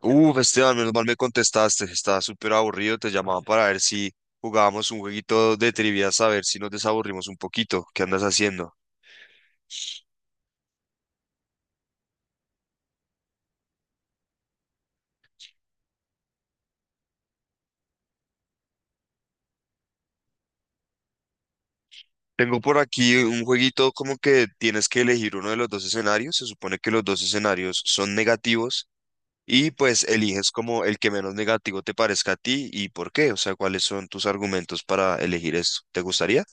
Uf, Esteban, menos mal me contestaste. Estaba súper aburrido. Te llamaba para ver si jugábamos un jueguito de trivia, a ver si nos desaburrimos un poquito. ¿Qué andas haciendo? Tengo por aquí un jueguito como que tienes que elegir uno de los dos escenarios. Se supone que los dos escenarios son negativos y pues eliges como el que menos negativo te parezca a ti y por qué. O sea, cuáles son tus argumentos para elegir esto. ¿Te gustaría?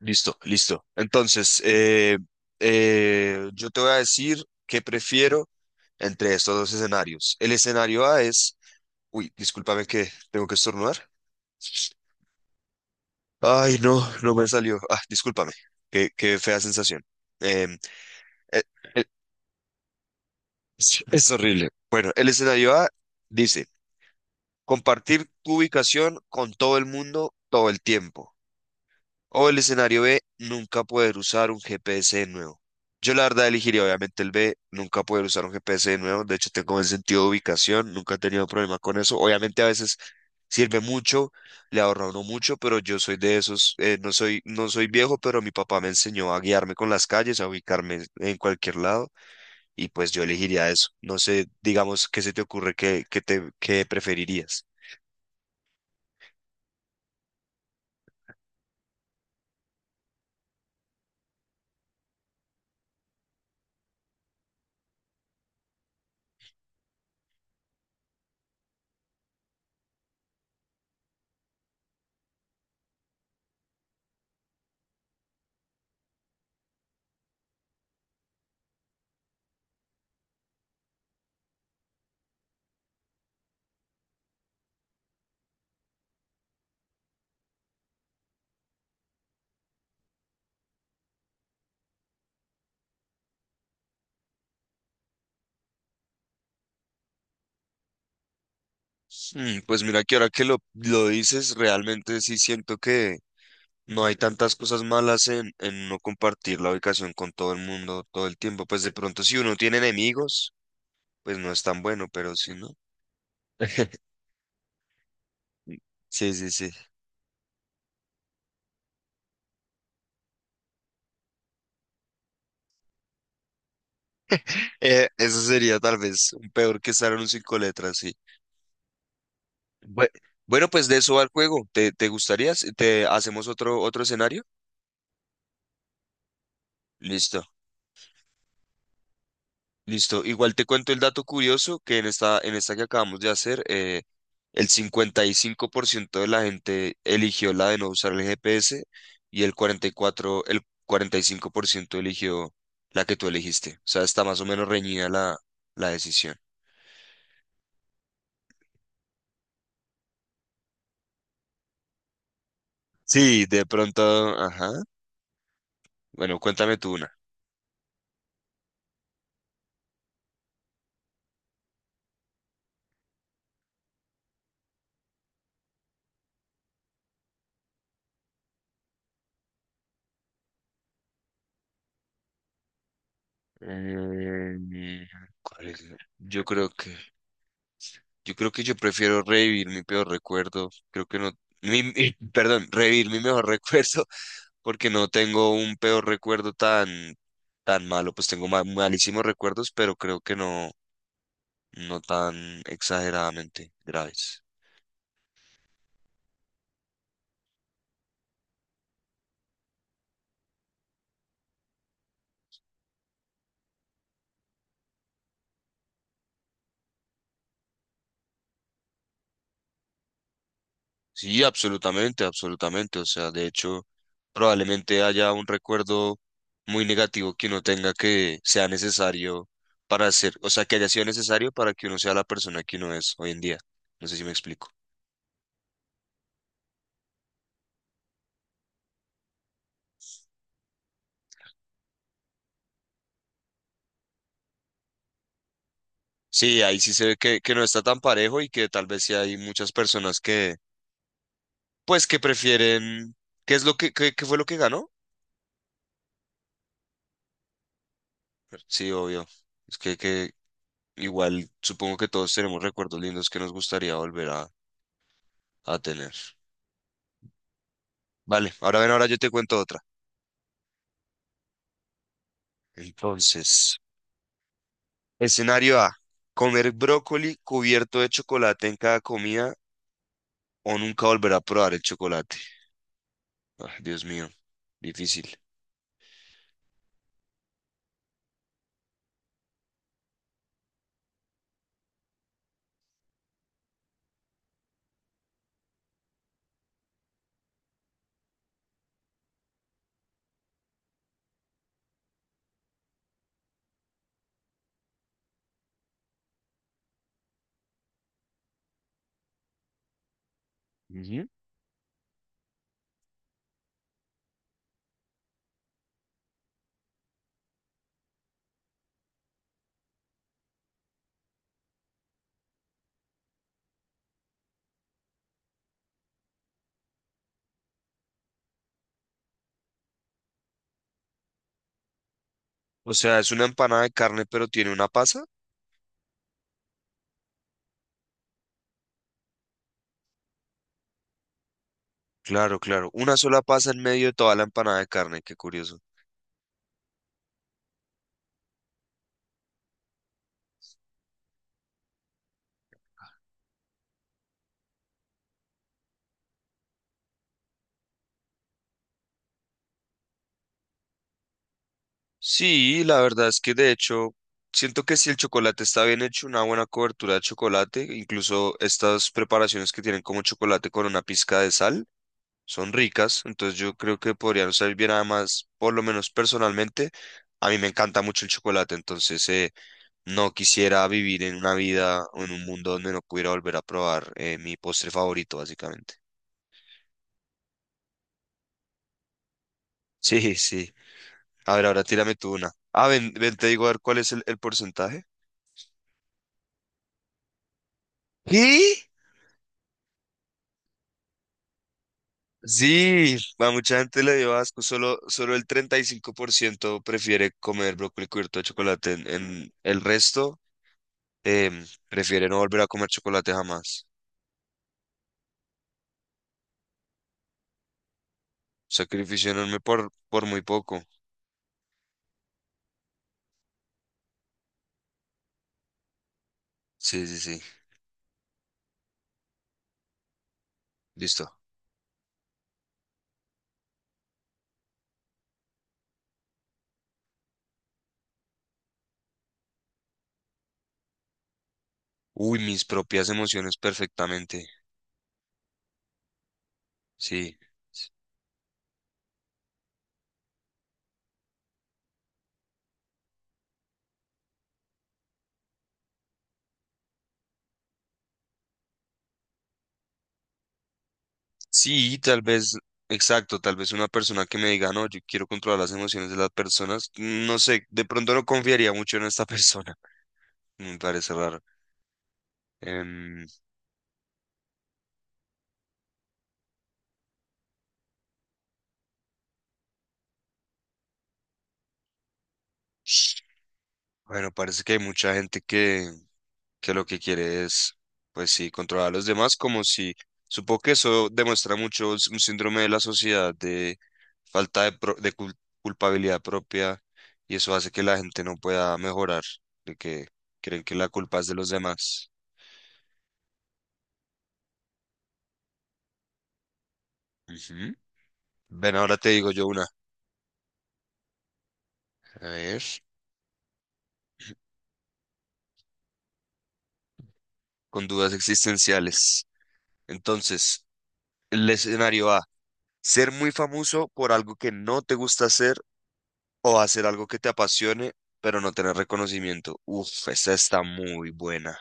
Listo, listo. Entonces, yo te voy a decir qué prefiero entre estos dos escenarios. El escenario A es, uy, discúlpame que tengo que estornudar. Ay, no, no me salió. Ah, discúlpame. Qué fea sensación. Em, eh, eh, es horrible. Bueno, el escenario A dice, compartir tu ubicación con todo el mundo todo el tiempo. O el escenario B, nunca poder usar un GPS de nuevo. Yo la verdad elegiría obviamente el B, nunca poder usar un GPS de nuevo. De hecho, tengo buen sentido de ubicación, nunca he tenido problema con eso. Obviamente a veces sirve mucho, le ahorra a uno mucho, pero yo soy de esos, no soy, no soy viejo, pero mi papá me enseñó a guiarme con las calles, a ubicarme en cualquier lado, y pues yo elegiría eso. No sé, digamos, ¿qué se te ocurre que te que preferirías? Mm, pues mira que ahora que lo dices, realmente sí siento que no hay tantas cosas malas en no compartir la ubicación con todo el mundo todo el tiempo. Pues de pronto si uno tiene enemigos, pues no es tan bueno, pero si no. Sí, sí, sí. Eso sería tal vez un peor que estar en un cinco letras, sí. Bue- Bueno, pues de eso va el juego. ¿Te, te gustaría? Si ¿te hacemos otro, otro escenario? Listo. Listo. Igual te cuento el dato curioso que en esta que acabamos de hacer, el 55% de la gente eligió la de no usar el GPS y el 44 el 45% eligió la que tú elegiste. O sea, está más o menos reñida la, la decisión. Sí, de pronto, ajá. Bueno, cuéntame tú una. Eh, ¿Cuál es? Yo creo que, yo creo que yo prefiero revivir mi peor recuerdo. Creo que no, perdón, revivir mi mejor recuerdo porque no tengo un peor recuerdo tan, tan malo, pues tengo malísimos recuerdos, pero creo que no, no tan exageradamente graves. Sí, absolutamente, absolutamente. O sea, de hecho, probablemente haya un recuerdo muy negativo que uno tenga que sea necesario para ser, o sea, que haya sido necesario para que uno sea la persona que uno es hoy en día. No sé si me explico. Sí, ahí sí se ve que no está tan parejo y que tal vez sí hay muchas personas que pues que prefieren. ¿Qué es lo que, qué, qué fue lo que ganó? Sí, obvio. Es que igual supongo que todos tenemos recuerdos lindos que nos gustaría volver a tener. Vale, ahora ven, ahora yo te cuento otra. Entonces, escenario A, comer brócoli cubierto de chocolate en cada comida o nunca volver a probar el chocolate. Ah, Dios mío, difícil. Ujú. O sea, es una empanada de carne, pero tiene una pasa. Claro, claro, una sola pasa en medio de toda la empanada de carne, qué curioso. Sí, la verdad es que de hecho siento que si el chocolate está bien hecho, una buena cobertura de chocolate, incluso estas preparaciones que tienen como chocolate con una pizca de sal, son ricas, entonces yo creo que podrían salir bien además, por lo menos personalmente, a mí me encanta mucho el chocolate, entonces no quisiera vivir en una vida o en un mundo donde no pudiera volver a probar mi postre favorito, básicamente. Sí, sí. A ver, ahora tírame tú una. Ah, ven, ven, te digo a ver cuál es el porcentaje. ¿Qué? Sí, a mucha gente le dio asco, solo, solo el 35% prefiere comer brócoli cubierto de chocolate, en el resto prefiere no volver a comer chocolate jamás. Sacrificio enorme por muy poco. Sí, sí, sí, listo. Uy, mis propias emociones perfectamente. Sí. Sí, tal vez, exacto, tal vez una persona que me diga, no, yo quiero controlar las emociones de las personas, no sé, de pronto no confiaría mucho en esta persona, me parece raro. Em, Bueno, parece que hay mucha gente que lo que quiere es, pues sí, controlar a los demás, como si, supongo que eso demuestra mucho un síndrome de la sociedad de falta de, culpabilidad propia y eso hace que la gente no pueda mejorar, de que creen que la culpa es de los demás. Ujú. Ven, ahora te digo yo una, a ver, con dudas existenciales. Entonces, el escenario A, ser muy famoso por algo que no te gusta hacer. O hacer algo que te apasione, pero no tener reconocimiento. Uf, esa está muy buena.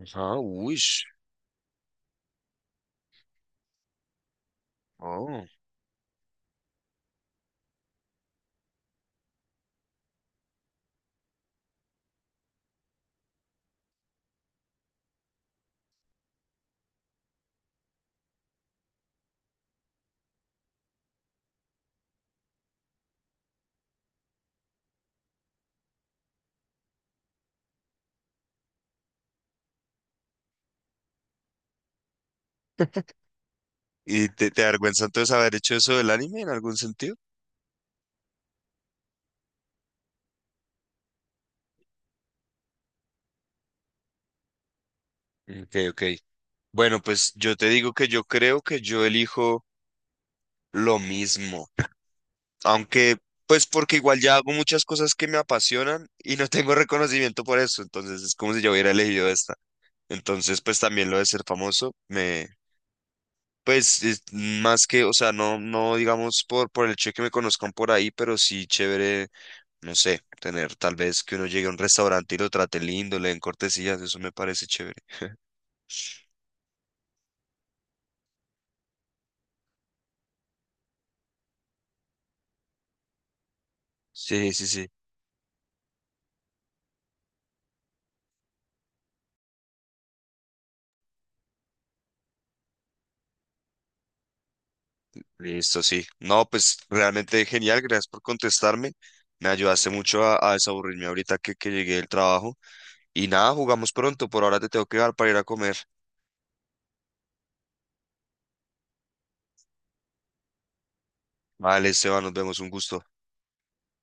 Ajá, uy. Oh. ¿Y te avergüenza entonces haber hecho eso del anime en algún sentido? Ok, ok. Bueno, pues yo te digo que yo creo que yo elijo lo mismo. Aunque, pues porque igual ya hago muchas cosas que me apasionan y no tengo reconocimiento por eso. Entonces es como si yo hubiera elegido esta. Entonces, pues también lo de ser famoso me, pues es más que, o sea, no, no digamos por el hecho de que me conozcan por ahí, pero sí chévere, no sé, tener tal vez que uno llegue a un restaurante y lo trate lindo, le den cortesías, eso me parece chévere. Sí, sí, sí. Listo, sí. No, pues realmente genial, gracias por contestarme. Me ayudaste mucho a desaburrirme ahorita que llegué del trabajo. Y nada, jugamos pronto. Por ahora te tengo que dar para ir a comer. Vale, Esteban, nos vemos, un gusto.